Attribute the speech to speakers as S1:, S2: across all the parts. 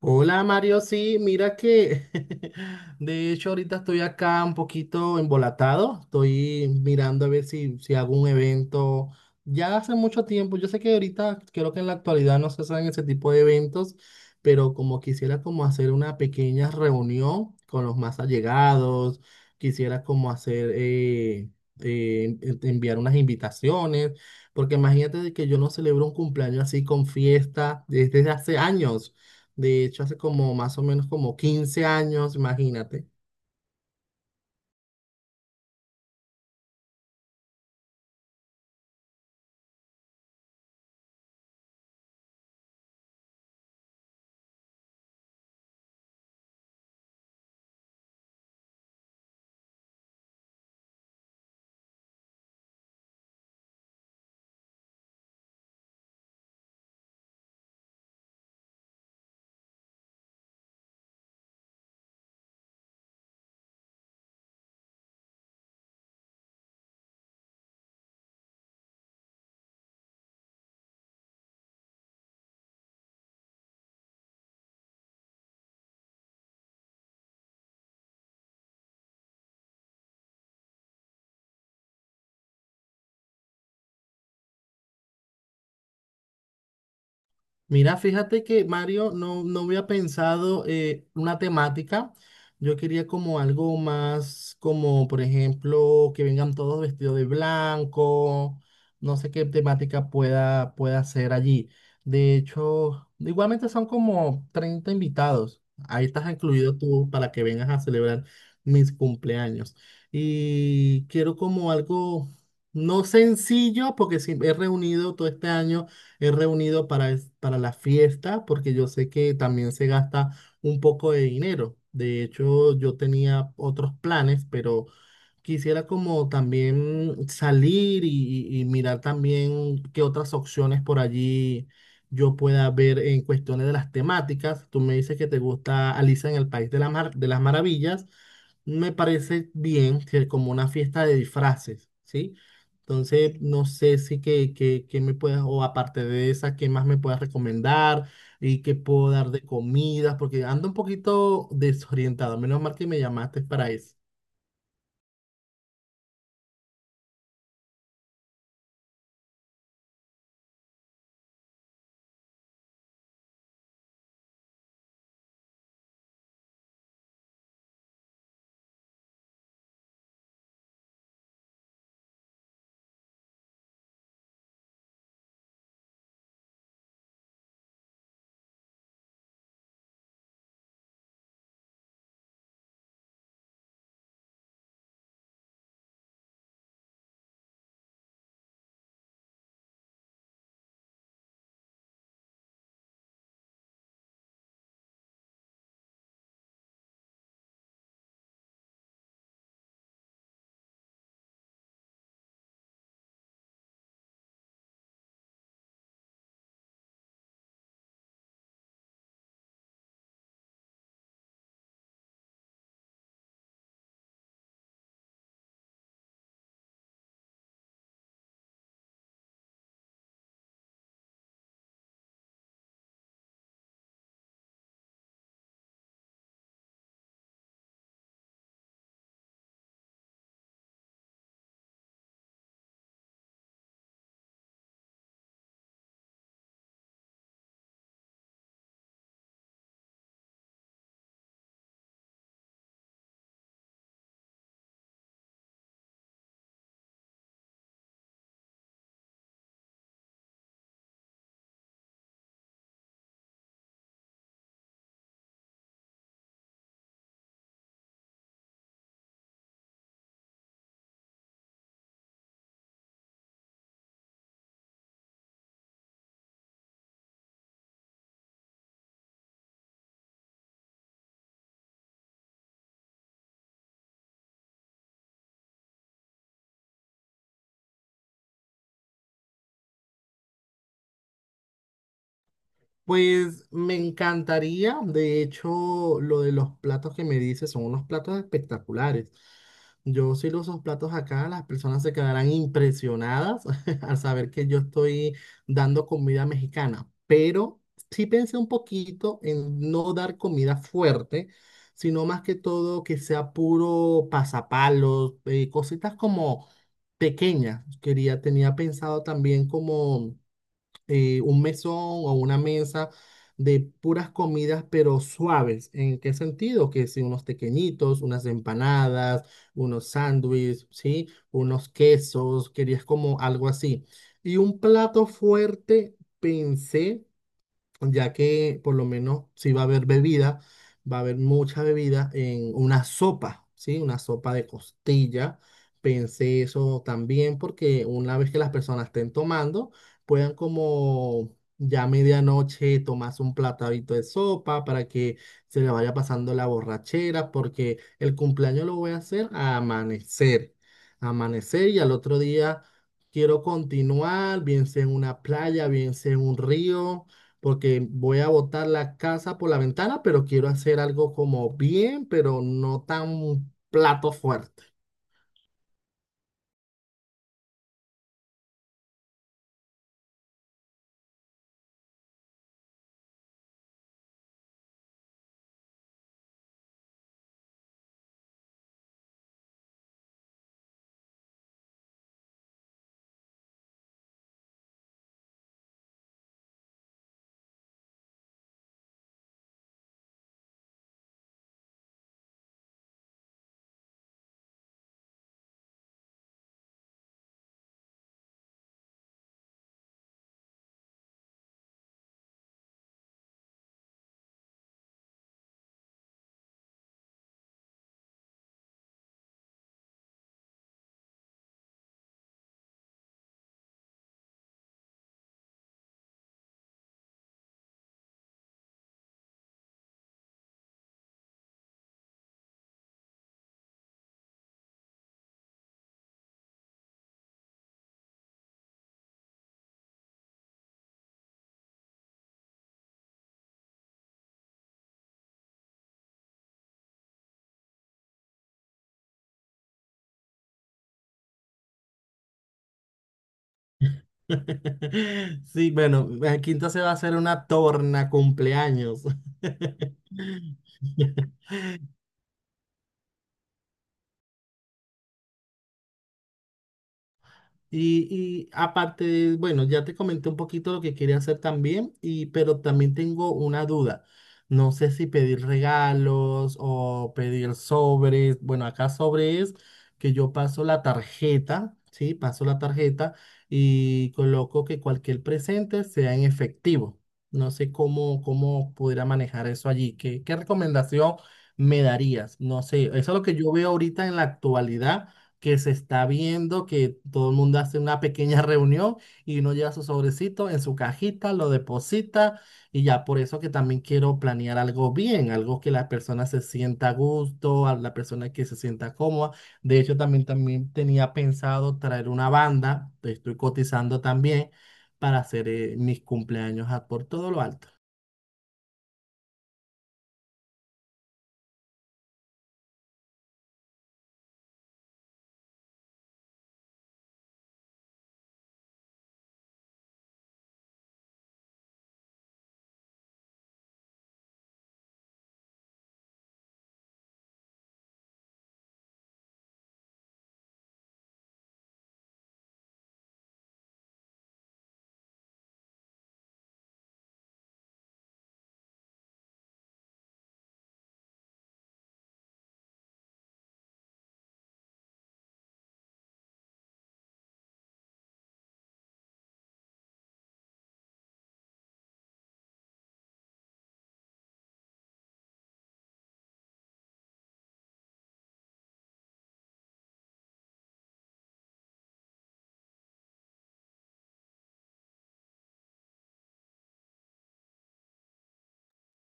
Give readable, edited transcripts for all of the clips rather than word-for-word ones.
S1: Hola Mario, sí, mira que de hecho ahorita estoy acá un poquito embolatado, estoy mirando a ver si hago un evento. Ya hace mucho tiempo, yo sé que ahorita creo que en la actualidad no se hacen ese tipo de eventos, pero como quisiera como hacer una pequeña reunión con los más allegados, quisiera como hacer, enviar unas invitaciones, porque imagínate de que yo no celebro un cumpleaños así con fiesta desde hace años. De hecho, hace como más o menos como 15 años, imagínate. Mira, fíjate que Mario, no había pensado, una temática. Yo quería como algo más, como por ejemplo, que vengan todos vestidos de blanco. No sé qué temática pueda ser allí. De hecho, igualmente son como 30 invitados. Ahí estás incluido tú para que vengas a celebrar mis cumpleaños. Y quiero como algo no sencillo, porque sí, he reunido todo este año, he reunido para, para la fiesta, porque yo sé que también se gasta un poco de dinero. De hecho, yo tenía otros planes, pero quisiera como también salir y, y mirar también qué otras opciones por allí yo pueda ver en cuestiones de las temáticas. Tú me dices que te gusta Alicia en el País de la de las Maravillas. Me parece bien que como una fiesta de disfraces, ¿sí? Entonces, no sé si que me puedas, o aparte de esa, qué más me puedas recomendar y qué puedo dar de comidas, porque ando un poquito desorientado. Menos mal que me llamaste para eso. Pues me encantaría, de hecho, lo de los platos que me dices son unos platos espectaculares. Yo si los uso platos acá, las personas se quedarán impresionadas al saber que yo estoy dando comida mexicana, pero sí pensé un poquito en no dar comida fuerte, sino más que todo que sea puro pasapalos, cositas como pequeñas. Tenía pensado también como, un mesón o una mesa de puras comidas, pero suaves. ¿En qué sentido? Que si unos tequeñitos, unas empanadas, unos sándwiches, ¿sí? Unos quesos, querías como algo así. Y un plato fuerte, pensé ya que por lo menos si va a haber bebida, va a haber mucha bebida en una sopa, ¿sí? Una sopa de costilla. Pensé eso también porque una vez que las personas estén tomando, puedan como ya a medianoche tomarse un platadito de sopa para que se le vaya pasando la borrachera, porque el cumpleaños lo voy a hacer a amanecer, amanecer y al otro día quiero continuar, bien sea en una playa, bien sea en un río, porque voy a botar la casa por la ventana, pero quiero hacer algo como bien, pero no tan plato fuerte. Sí, bueno, aquí entonces va a ser una torna cumpleaños. Y, aparte, bueno, ya te comenté un poquito lo que quería hacer también, y, pero también tengo una duda. No sé si pedir regalos o pedir sobres. Bueno, acá sobre es que yo paso la tarjeta, ¿sí? Paso la tarjeta y coloco que cualquier presente sea en efectivo. No sé cómo pudiera manejar eso allí. Qué recomendación me darías? No sé, eso es lo que yo veo ahorita en la actualidad que se está viendo, que todo el mundo hace una pequeña reunión y uno lleva su sobrecito en su cajita, lo deposita y ya por eso que también quiero planear algo bien, algo que la persona se sienta a gusto, a la persona que se sienta cómoda. De hecho, también tenía pensado traer una banda, estoy cotizando también para hacer, mis cumpleaños por todo lo alto.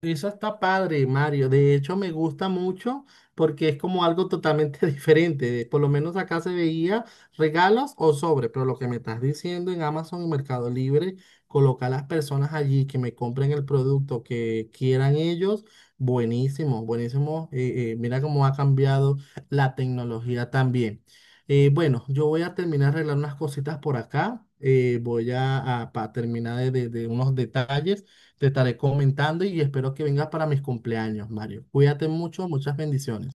S1: Eso está padre, Mario. De hecho, me gusta mucho porque es como algo totalmente diferente. Por lo menos acá se veía regalos o sobre, pero lo que me estás diciendo en Amazon y Mercado Libre, colocar a las personas allí que me compren el producto que quieran ellos, buenísimo, buenísimo. Mira cómo ha cambiado la tecnología también. Bueno, yo voy a terminar de arreglar unas cositas por acá. Voy terminar de de unos detalles te estaré comentando y espero que vengas para mis cumpleaños, Mario. Cuídate mucho, muchas bendiciones.